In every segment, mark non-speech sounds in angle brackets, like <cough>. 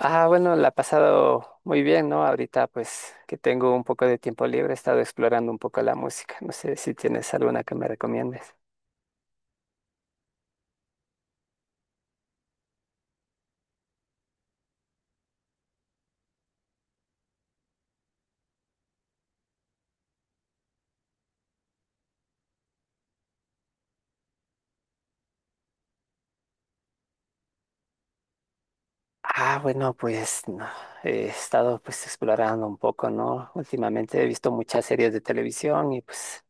Ah, bueno, la he pasado muy bien, ¿no? Ahorita pues que tengo un poco de tiempo libre, he estado explorando un poco la música. No sé si tienes alguna que me recomiendes. Ah, bueno, pues no, he estado pues explorando un poco, ¿no? Últimamente he visto muchas series de televisión y pues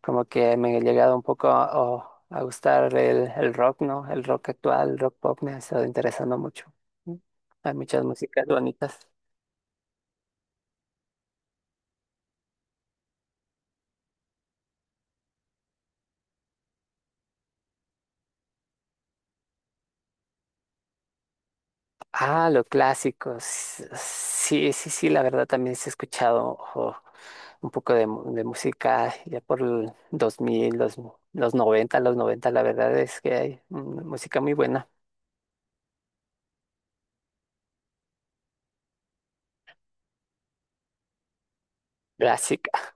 como que me ha llegado un poco a gustar el rock, ¿no? El rock actual, el rock pop me ha estado interesando mucho. Mm. Hay muchas músicas bonitas. Ah, lo clásico. Sí, sí, sí, la verdad también se ha escuchado ojo, un poco de música ya por el 2000, los 90, los 90, la verdad es que hay música muy buena, clásica.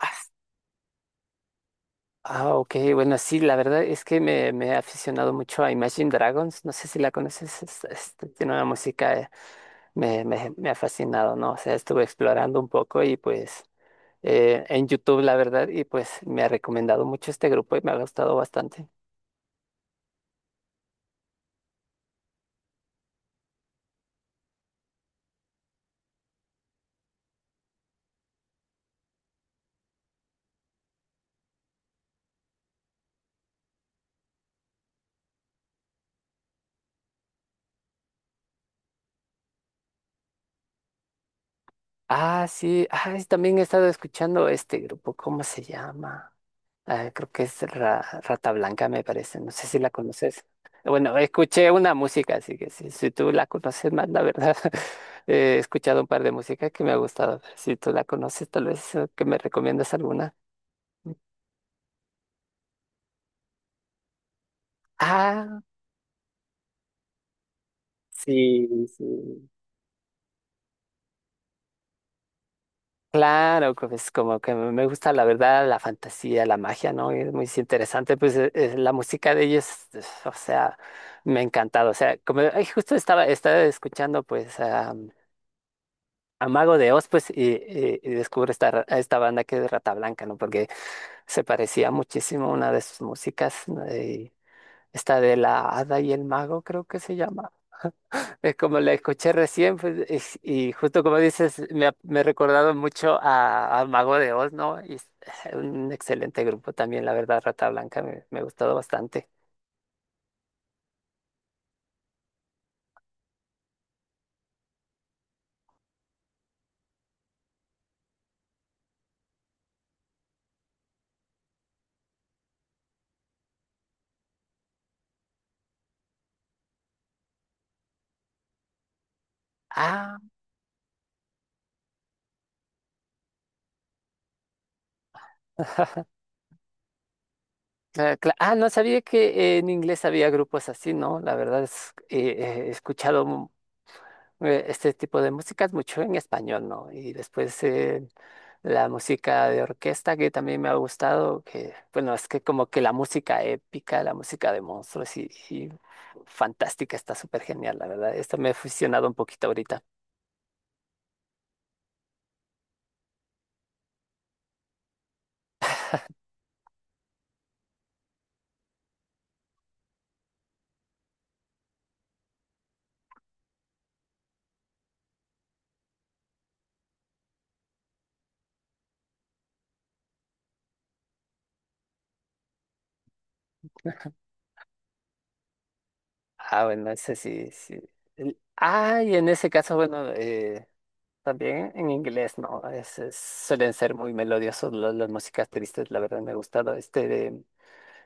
Ah, ah, ok, bueno, sí, la verdad es que me he aficionado mucho a Imagine Dragons, no sé si la conoces, tiene una música. Me ha fascinado, ¿no? O sea, estuve explorando un poco y pues en YouTube, la verdad, y pues me ha recomendado mucho este grupo y me ha gustado bastante. Ah, sí, ah, también he estado escuchando este grupo, ¿cómo se llama? Ah, creo que es Rata Blanca, me parece, no sé si la conoces. Bueno, escuché una música, así que si tú la conoces más, la verdad, <laughs> he escuchado un par de músicas que me ha gustado. Si tú la conoces, tal vez que me recomiendas alguna. Ah, sí, sí. Claro, pues como que me gusta la verdad, la fantasía, la magia, ¿no? Es muy interesante, pues la música de ellos. eh, o sea, me ha encantado, o sea, como ay, justo estaba escuchando pues a Mago de Oz, pues, y descubro a esta banda que es Rata Blanca, ¿no? Porque se parecía muchísimo a una de sus músicas, ¿no? Y esta de la Hada y el Mago, creo que se llama. Es como la escuché recién, pues, y justo como dices, me ha recordado mucho a Mago de Oz, ¿no? Y es <laughs> un excelente grupo también, la verdad, Rata Blanca, me ha gustado bastante. Ah, <laughs> no sabía que en inglés había grupos así, ¿no? La verdad, he escuchado. Este tipo de músicas mucho en español, ¿no? Y después la música de orquesta que también me ha gustado, que bueno, es que como que la música épica, la música de monstruos y fantástica está súper genial, la verdad. Esto me he fusionado un poquito ahorita. Ah, bueno, ese sí sí Ah, y en ese caso, bueno, también en inglés, ¿no? Suelen ser muy melodiosos las músicas tristes, la verdad me ha gustado. Este de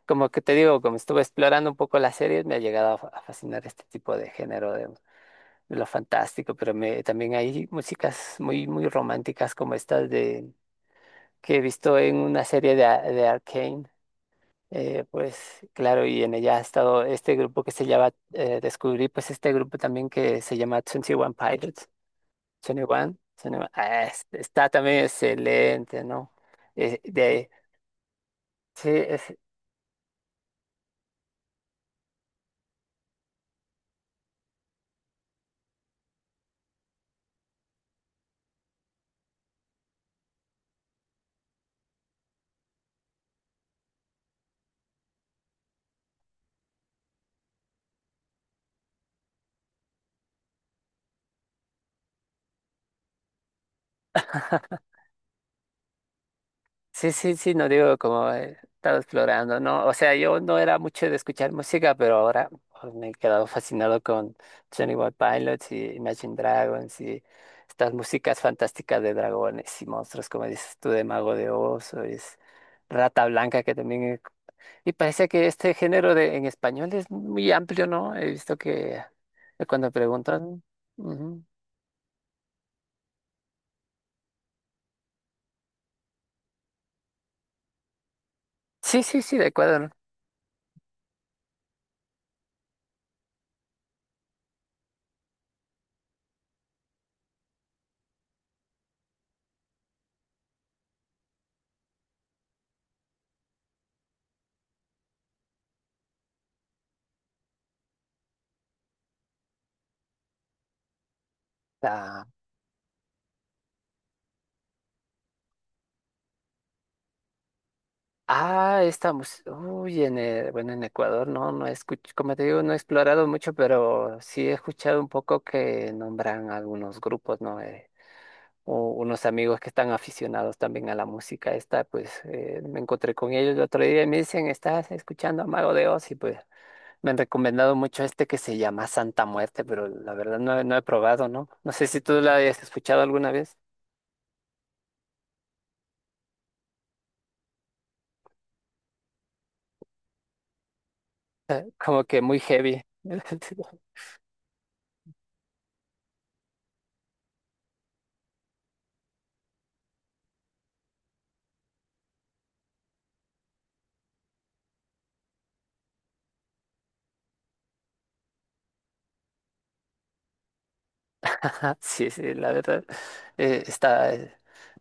Como que te digo, como estuve explorando un poco las series, me ha llegado a fascinar este tipo de género de lo fantástico, pero también hay músicas muy, muy románticas como estas que he visto en una serie de Arcane. Pues claro, y en ella ha estado este grupo que se llama, descubrí pues este grupo también que se llama twenty One Pilots, 21, One twenty one, está también excelente, ¿no? Eh, de, sí, sí, sí, sí, no digo como estaba explorando, ¿no? O sea, yo no era mucho de escuchar música, pero ahora pues, me he quedado fascinado con Johnny One Pilots y Imagine Dragons y estas músicas fantásticas de dragones y monstruos, como dices tú, de Mago de Oz, o es Rata Blanca, que también. Y parece que este género en español es muy amplio, ¿no? He visto que cuando preguntan. Ujú. Sí, sí, sí, de acuerdo, ¿no? Ah. Ah, esta música. Uy, bueno, en Ecuador no como te digo, no he explorado mucho, pero sí he escuchado un poco que nombran algunos grupos, ¿no? Unos amigos que están aficionados también a la música esta, pues me encontré con ellos el otro día y me dicen, ¿estás escuchando a Mago de Oz? Y pues me han recomendado mucho este que se llama Santa Muerte, pero la verdad no, no he probado, ¿no? No sé si tú la hayas escuchado alguna vez, como que muy heavy. <laughs> <laughs> Sí, sí, la verdad, eh, está, eh,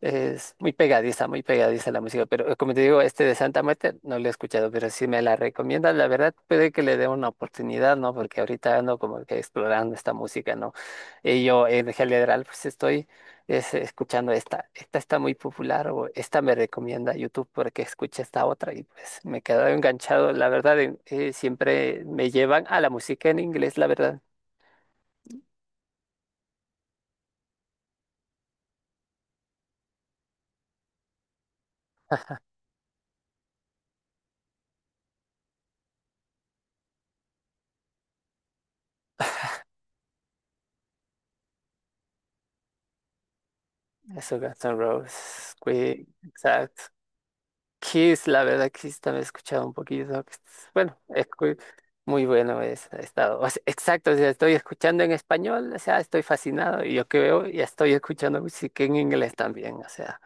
es muy pegadiza la música, pero como te digo, este de Santa Muerte no lo he escuchado, pero si me la recomiendas, la verdad, puede que le dé una oportunidad, ¿no? Porque ahorita ando como que explorando esta música, ¿no? Y yo en general, pues estoy escuchando esta, esta está muy popular o esta me recomienda YouTube porque escuché esta otra y pues me he quedado enganchado, la verdad, siempre me llevan a la música en inglés, la verdad. Eso, Guns N' Roses, Queen, exacto. Kiss, la verdad, Kiss también he escuchado un poquito. Bueno, muy bueno es, ha estado. O sea, exacto, o sea, estoy escuchando en español, o sea, estoy fascinado. Y yo que veo, ya estoy escuchando música en inglés también, o sea.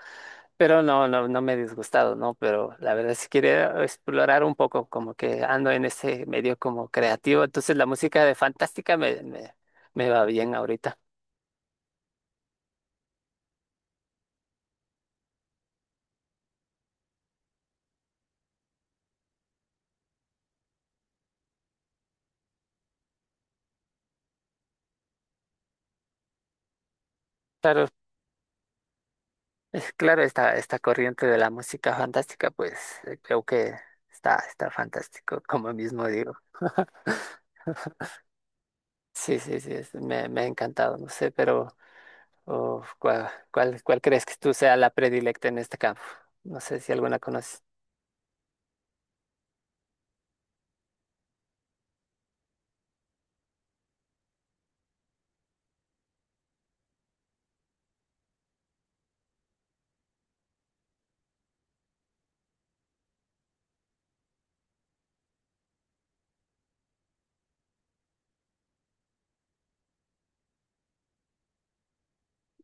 Pero no, no, no me he disgustado, ¿no? Pero la verdad, si quiero explorar un poco, como que ando en ese medio como creativo, entonces la música de Fantástica me va bien ahorita. Claro, <laughs> Es claro, esta corriente de la música fantástica, pues creo que está fantástico, <laughs> como mismo digo. Sí, sí, sí, me ha encantado, no sé, pero oh, ¿cuál crees que tú sea la predilecta en este campo? No sé si alguna conoces.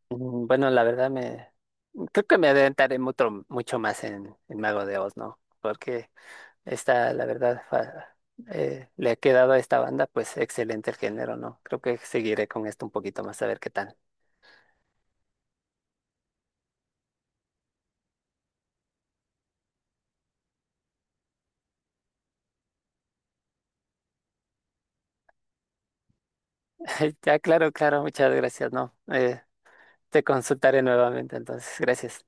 Bueno, la verdad me creo que me adentraré mucho, mucho más en Mago de Oz, ¿no? Porque esta, la verdad, le ha quedado a esta banda, pues excelente el género, ¿no? Creo que seguiré con esto un poquito más a ver qué tal. <laughs> Ya, claro, claro, muchas gracias, ¿no? Te consultaré nuevamente, entonces, gracias.